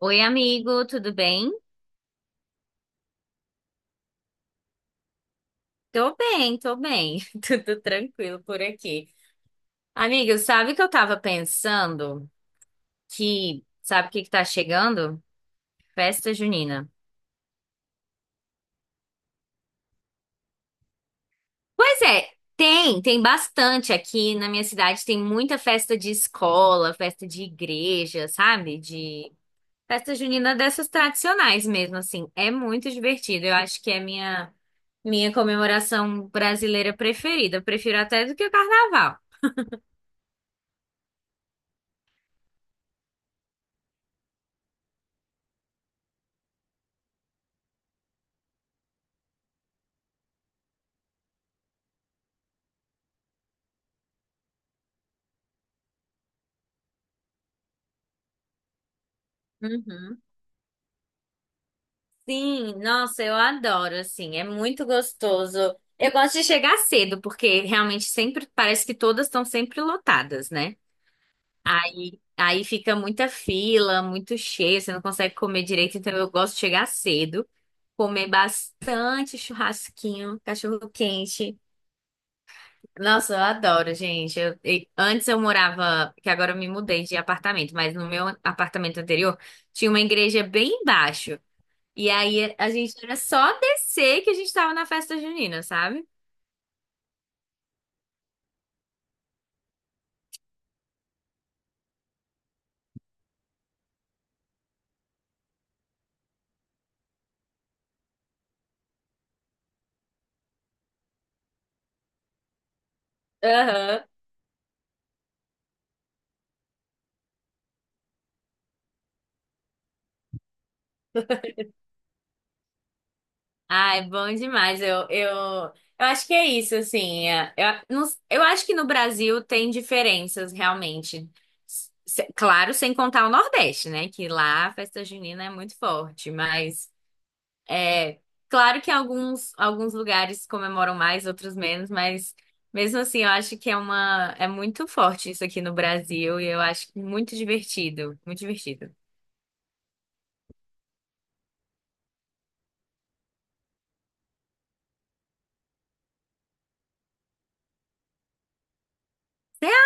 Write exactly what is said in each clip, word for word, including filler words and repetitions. Oi, amigo, tudo bem? Tô bem, tô bem. Tudo tranquilo por aqui. Amigo, sabe o que eu tava pensando? Que, sabe o que que tá chegando? Festa junina. Pois é, tem, tem bastante aqui na minha cidade. Tem muita festa de escola, festa de igreja, sabe? De festa junina dessas tradicionais mesmo, assim. É muito divertido. Eu acho que é minha, minha comemoração brasileira preferida. Eu prefiro até do que o carnaval. Uhum. Sim, nossa, eu adoro, assim, é muito gostoso. Eu gosto de chegar cedo, porque realmente sempre parece que todas estão sempre lotadas, né? Aí, aí fica muita fila, muito cheio, você não consegue comer direito, então eu gosto de chegar cedo, comer bastante churrasquinho, cachorro quente. Nossa, eu adoro, gente. Eu- e- antes eu morava, que agora eu me mudei de apartamento, mas no meu apartamento anterior tinha uma igreja bem embaixo. E aí a gente era só descer que a gente tava na festa junina, sabe? Aham. Ai, bom demais. Eu, eu, eu acho que é isso, assim. é, Eu, não- eu acho que no Brasil tem diferenças, realmente. Se- claro, sem contar o Nordeste, né? Que lá a festa junina é muito forte, mas é claro que alguns, alguns lugares comemoram mais, outros menos, mas mesmo assim eu acho que é uma, é muito forte isso aqui no Brasil e eu acho muito divertido, muito divertido.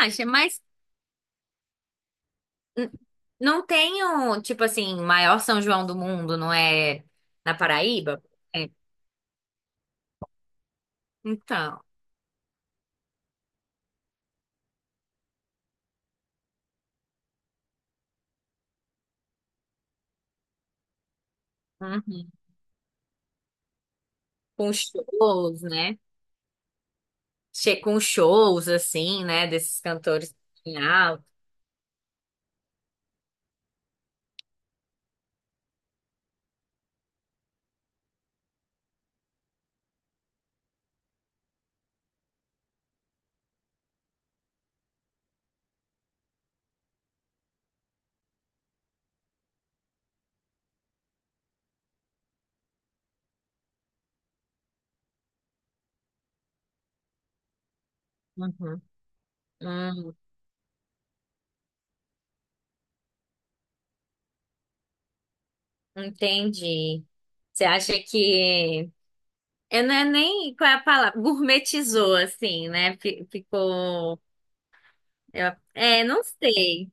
Acha, mas n- não tem um tipo assim, maior São João do mundo, não é na Paraíba? É. Então, uhum. Com shows, né? Che Com shows, assim, né? Desses cantores em alto. Uhum. Hum, entendi. Você acha que. Eu não é nem qual é a palavra, gourmetizou, assim, né? Fi- Ficou. eu- É, não sei.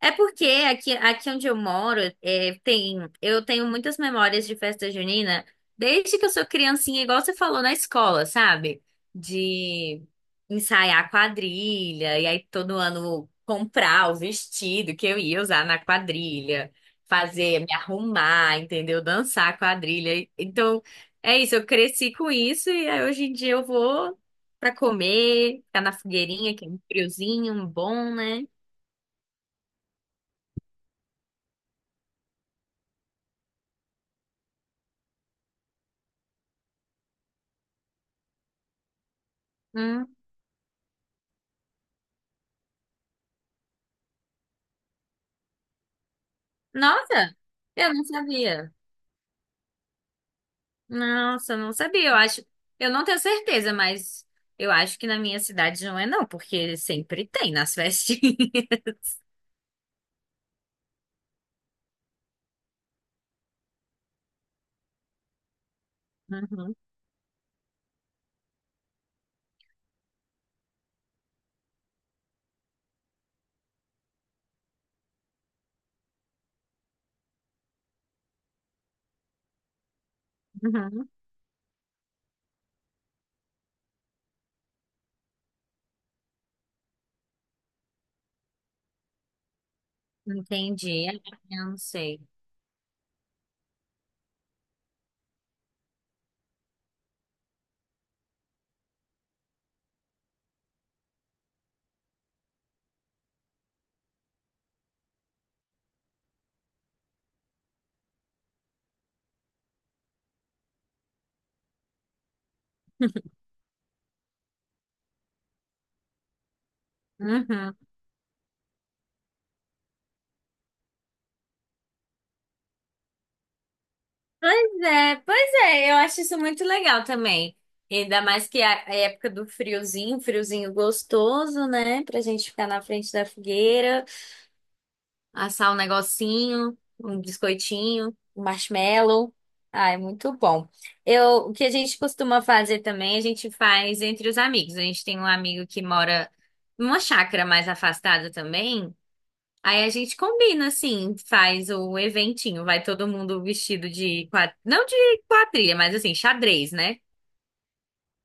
É porque aqui, aqui onde eu moro, é, tem, eu tenho muitas memórias de festa junina, desde que eu sou criancinha, igual você falou na escola, sabe? De ensaiar quadrilha, e aí todo ano comprar o vestido que eu ia usar na quadrilha, fazer, me arrumar, entendeu? Dançar quadrilha. Então, é isso, eu cresci com isso, e aí hoje em dia eu vou pra comer, ficar na fogueirinha, que é um friozinho, um bom, né? Hum. Nossa, eu não sabia. Nossa, eu não sabia. Eu acho, eu não tenho certeza, mas eu acho que na minha cidade não é não, porque sempre tem nas festinhas. Uhum, uhum. Entendi. é, Eu não sei. Uhum. Pois é, pois é, eu acho isso muito legal também. Ainda mais que a a época do friozinho, friozinho gostoso, né? Pra gente ficar na frente da fogueira. Assar um negocinho, um biscoitinho, um marshmallow. Ah, é muito bom. Eu, o que a gente costuma fazer também, a gente faz entre os amigos. A gente tem um amigo que mora numa chácara mais afastada também. Aí a gente combina, assim, faz o eventinho. Vai todo mundo vestido de quadrilha, não de quadrilha, mas assim, xadrez, né?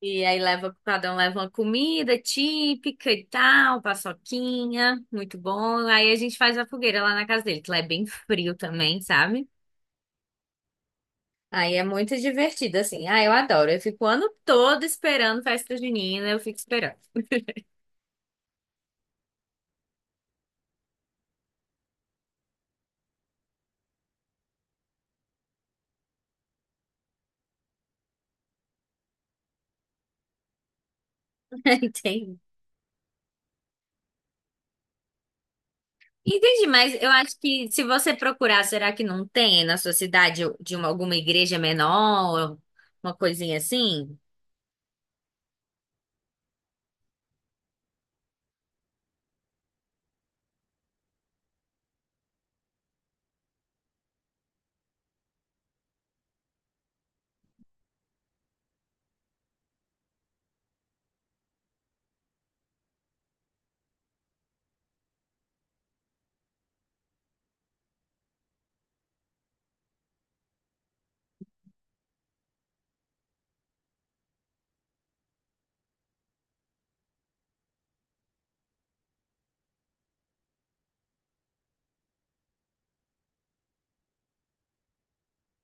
E aí leva, cada um leva uma comida típica e tal, paçoquinha, muito bom. Aí a gente faz a fogueira lá na casa dele, que lá é bem frio também, sabe? Aí é muito divertido, assim. Ah, eu adoro. Eu fico o ano todo esperando festa junina, eu fico esperando. Entendi. Entendi, mas eu acho que se você procurar, será que não tem na sua cidade de uma, alguma igreja menor, uma coisinha assim?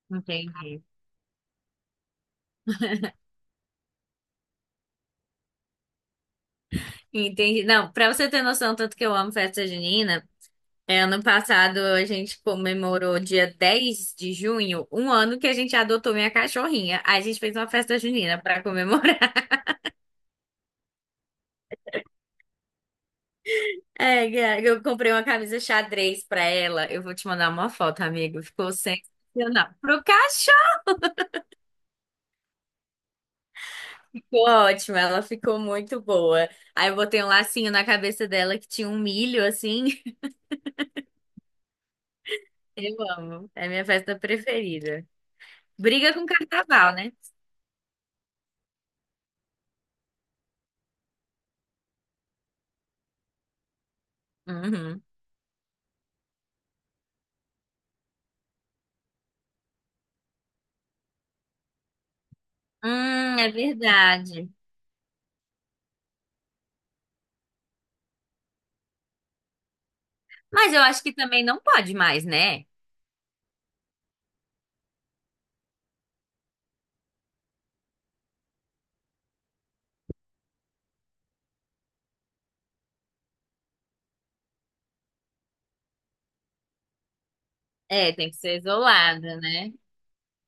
Entendi. Entendi. Não, pra você ter noção, tanto que eu amo festa junina. É, ano passado a gente comemorou dia dez de junho, um ano que a gente adotou minha cachorrinha. Aí a gente fez uma festa junina pra comemorar. É, Gá, eu comprei uma camisa xadrez pra ela. Eu vou te mandar uma foto, amigo. Ficou sensacional. Pro cachorro. Ficou ótimo, ela ficou muito boa. Aí eu botei um lacinho na cabeça dela que tinha um milho assim. Eu amo. É minha festa preferida. Briga com carnaval, né? Uhum. Hum, é verdade. Mas eu acho que também não pode mais, né? É, tem que ser isolada, né?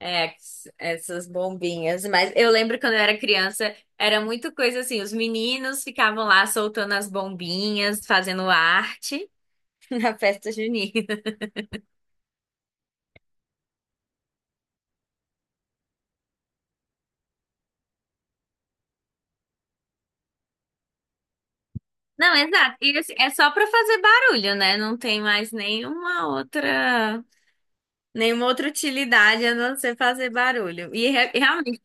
É, essas bombinhas. Mas eu lembro quando eu era criança, era muito coisa assim, os meninos ficavam lá soltando as bombinhas, fazendo arte na festa junina. Não, exato. E assim, é só pra fazer barulho, né? Não tem mais nenhuma outra, nenhuma outra utilidade a não ser fazer barulho. E re- realmente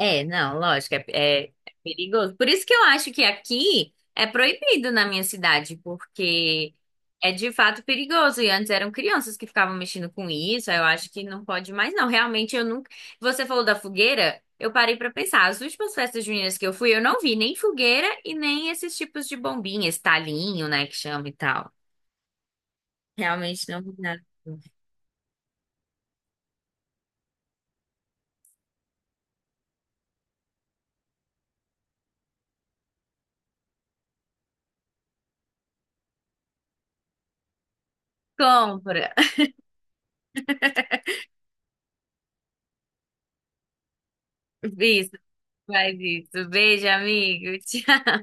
é, não, lógico, é, é- é perigoso. Por isso que eu acho que aqui é proibido na minha cidade, porque é de fato perigoso. E antes eram crianças que ficavam mexendo com isso, aí eu acho que não pode mais, não. Realmente eu nunca. Você falou da fogueira, eu parei pra pensar. As últimas festas juninas que eu fui, eu não vi nem fogueira e nem esses tipos de bombinha, esse talinho, né, que chama e tal. Realmente não vi nada. Compra. Isso, faz isso. Beijo, amigo. Tchau.